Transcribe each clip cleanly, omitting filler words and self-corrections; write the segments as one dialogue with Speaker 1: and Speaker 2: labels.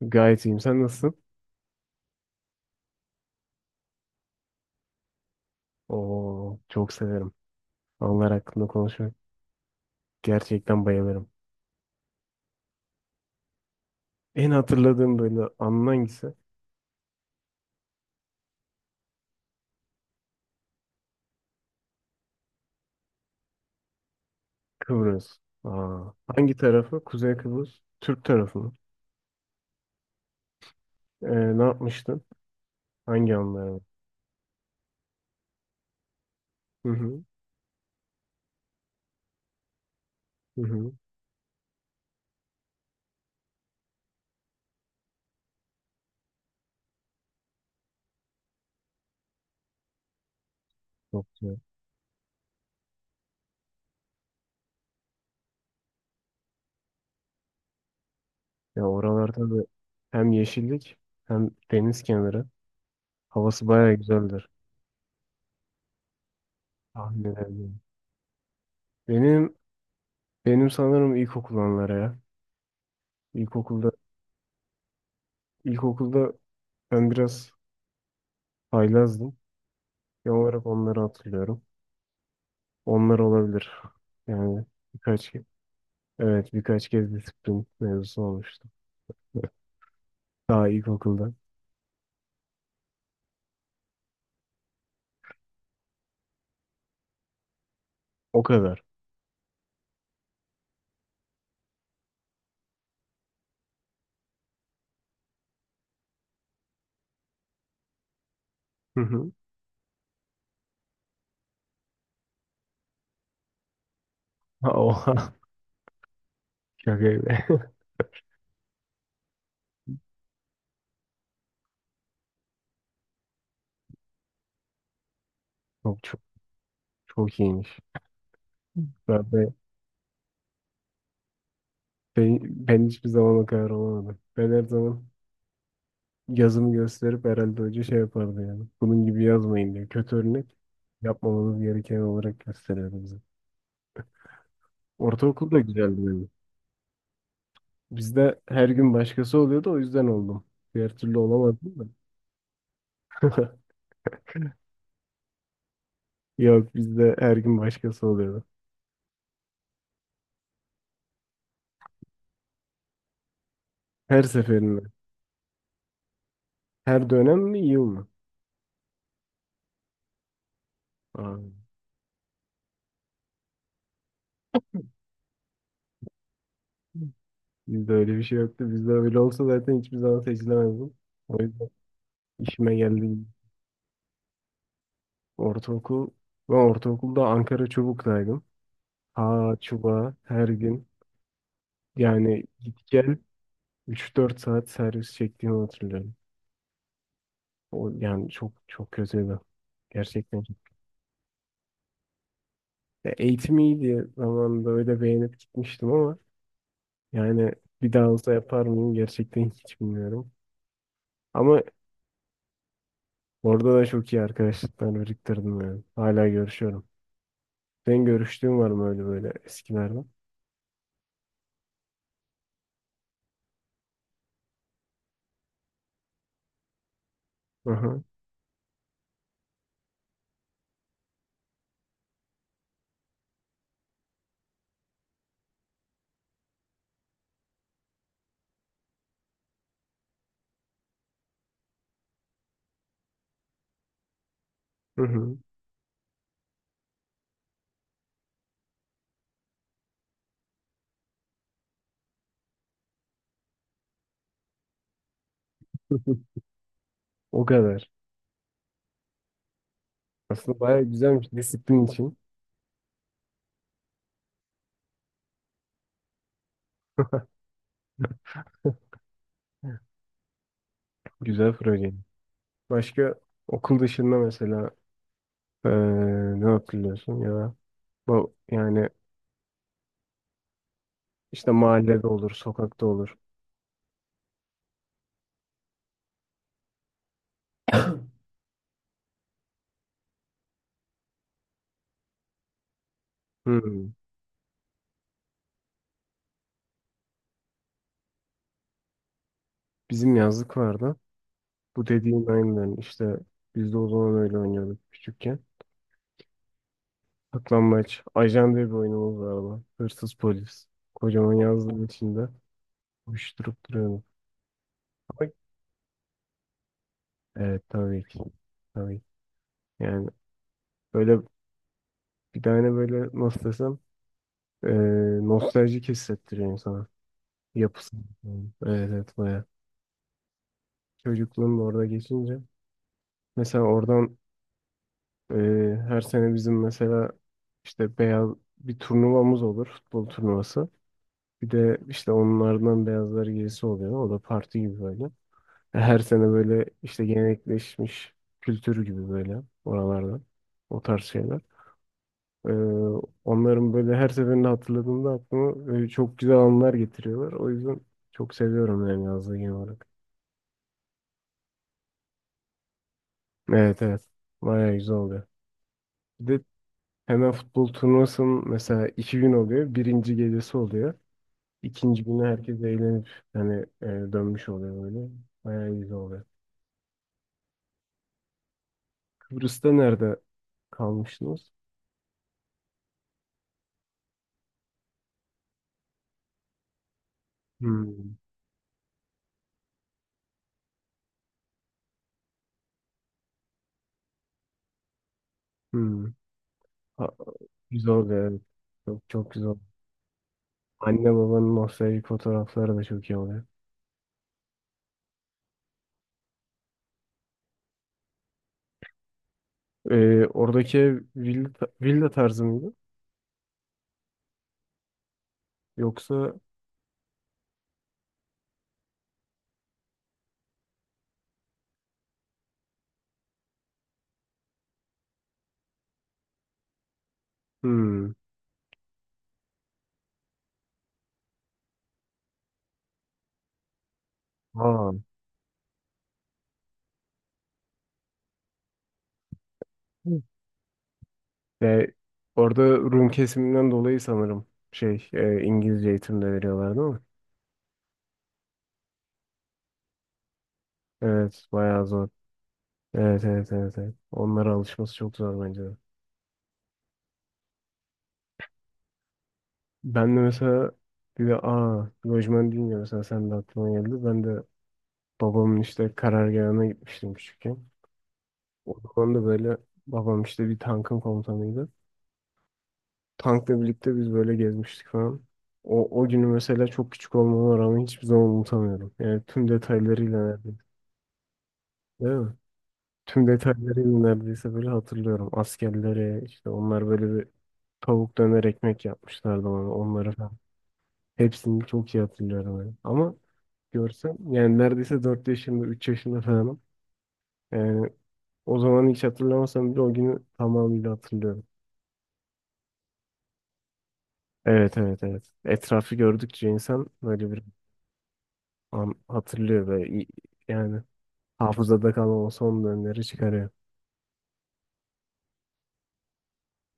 Speaker 1: Gayet iyiyim. Sen nasılsın? Oo, çok severim. Onlar hakkında konuşmak gerçekten bayılırım. En hatırladığım böyle anın hangisi? Kıbrıs. Aa, hangi tarafı? Kuzey Kıbrıs. Türk tarafı mı? Ee, ne yapmıştın? Hangi anlara? Hı hı. Hı hı. Çok güzel. Ya oralarda da hem yeşillik hem deniz kenarı. Havası bayağı güzeldir. Tahmin ederim. Benim benim sanırım ilkokul anları ya. İlkokulda ilkokulda ben biraz haylazdım. Genel olarak onları hatırlıyorum. Onlar olabilir. Yani birkaç kez evet, birkaç kez disiplin mevzusu olmuştu. Daha ilkokulda. O kadar. Hı hı. Ha, oha. Şaka gibi. Çok çok çok iyiymiş. Ben, ben, ben, ben hiçbir zaman o kadar olamadım. Ben her zaman yazımı gösterip herhalde hoca şey yapardı yani. Bunun gibi yazmayın diye. Kötü örnek yapmamamız gereken olarak gösteriyordu bize. Ortaokul da güzeldi benim. Bizde her gün başkası oluyordu, o yüzden oldum. Diğer türlü olamadım da. Yok, bizde her gün başkası oluyordu. Her seferinde. Her dönem mi yıl mı? Aa, bizde öyle bir şey yoktu. Bizde öyle olsa zaten hiçbir zaman seçilemezdim. O yüzden işime geldi. Ortaokul. Ben ortaokulda Ankara Çubuk'taydım. Ha, çubuğa her gün. Yani git gel 3-4 saat servis çektiğimi hatırlıyorum. O, yani çok çok kötüydü. Gerçekten. Ya eğitim iyiydi zamanında, öyle beğenip gitmiştim ama yani bir daha olsa yapar mıyım gerçekten hiç bilmiyorum. Ama orada da çok iyi arkadaşlıklar biriktirdim yani. Hala görüşüyorum. Senin görüştüğün var mı öyle böyle eskilerden? Hı hı. Hı hı. O kadar. Aslında bayağı güzelmiş disiplin için. Güzel proje. Başka okul dışında mesela eee, ne hatırlıyorsun ya da bu yani işte mahallede olur, sokakta olur. Hmm. Bizim yazlık vardı. Bu dediğin aynen işte, biz de o zaman öyle oynuyorduk küçükken. Saklambaç. Ajan diye bir oyunumuz vardı. Lan. Hırsız polis. Kocaman yazdığın içinde uyuşturup duruyorduk. Ama evet, tabii ki. Tabii. Yani böyle bir tane böyle nasıl desem eee nostaljik hissettiriyor insana. Yapısı. Evet, evet, baya. Çocukluğum da orada geçince. Mesela oradan her sene bizim mesela işte beyaz bir turnuvamız olur. Futbol turnuvası. Bir de işte onlardan beyazlar gerisi oluyor. O da parti gibi böyle. Her sene böyle işte gelenekleşmiş kültür gibi böyle oralarda. O tarz şeyler. Ee, Onların böyle her seferinde hatırladığımda aklıma böyle çok güzel anılar getiriyorlar. O yüzden çok seviyorum yani yazlığı genel olarak. Evet, evet. Bayağı güzel oluyor. Bir de hemen futbol turnuvasının mesela 2 gün oluyor. Birinci gecesi oluyor. İkinci günü herkes eğlenip hani dönmüş oluyor böyle. Bayağı güzel oluyor. Kıbrıs'ta nerede kalmıştınız? Hmm. Hmm. Ha, güzel oluyor. Evet. Çok, çok güzel. Anne babanın nostaljik fotoğrafları da çok iyi oluyor. Oradaki ev villa, tarzı mıydı? Yoksa hmm. Ha. Ve orada Rum kesiminden dolayı sanırım şey İngilizce eğitim de veriyorlar değil mi? Evet, bayağı zor. Evet, evet, evet, evet. Onlara alışması çok zor bence de. Ben de mesela bir de aa lojman deyince mesela sen de aklıma geldi. Ben de babamın işte karargahına gitmiştim küçükken. O zaman da böyle babam işte bir tankın komutanıydı. Tankla birlikte biz böyle gezmiştik falan. O günü mesela çok küçük olmama rağmen hiçbir zaman unutamıyorum. Yani tüm detaylarıyla neredeyse. Değil mi? Tüm detaylarıyla neredeyse böyle hatırlıyorum. Askerlere işte onlar böyle bir tavuk döner ekmek yapmışlardı bana, onları falan. Hepsini çok iyi hatırlıyorum yani. Ama görsem yani neredeyse 4 yaşında 3 yaşında falanım. Yani o zaman hiç hatırlamasam bile o günü tamamıyla hatırlıyorum. Evet, evet, evet. Etrafı gördükçe insan böyle bir an hatırlıyor ve yani hafızada kalan o son dönemleri çıkarıyor.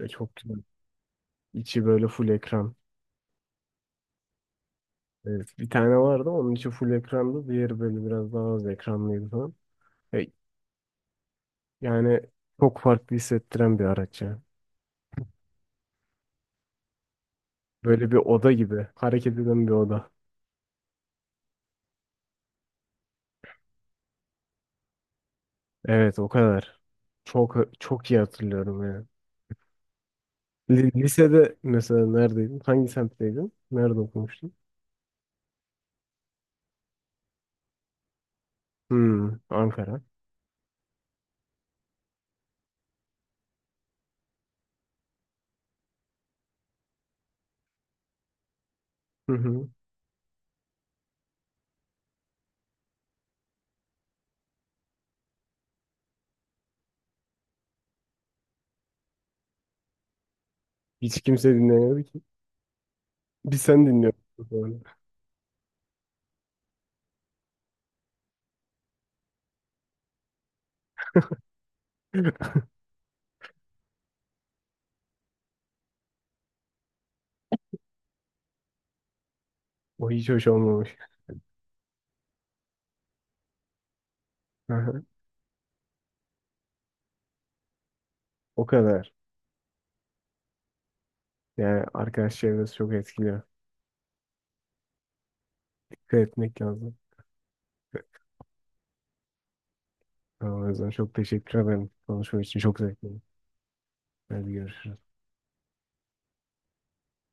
Speaker 1: Ve çok güzel. İçi böyle full ekran. Evet, bir tane vardı, onun içi full ekrandı. Diğeri böyle biraz daha az ekranlıydı falan. E, Yani çok farklı hissettiren bir araç ya. Böyle bir oda gibi. Hareket eden bir oda. Evet, o kadar. Çok çok iyi hatırlıyorum ya. Lisede mesela neredeydin? Hangi semtteydin? Nerede okumuştun? Hmm, Ankara. Hı hı. Hiç kimse dinlemiyordu ki. Biz sen dinliyordun. Sonra. O hiç hoş olmamış. Hı hı. O kadar. Yani arkadaş çevresi çok etkiliyor. Dikkat etmek lazım. Tamam, o yüzden çok teşekkür ederim. Konuşma için çok zevkli. Hadi görüşürüz.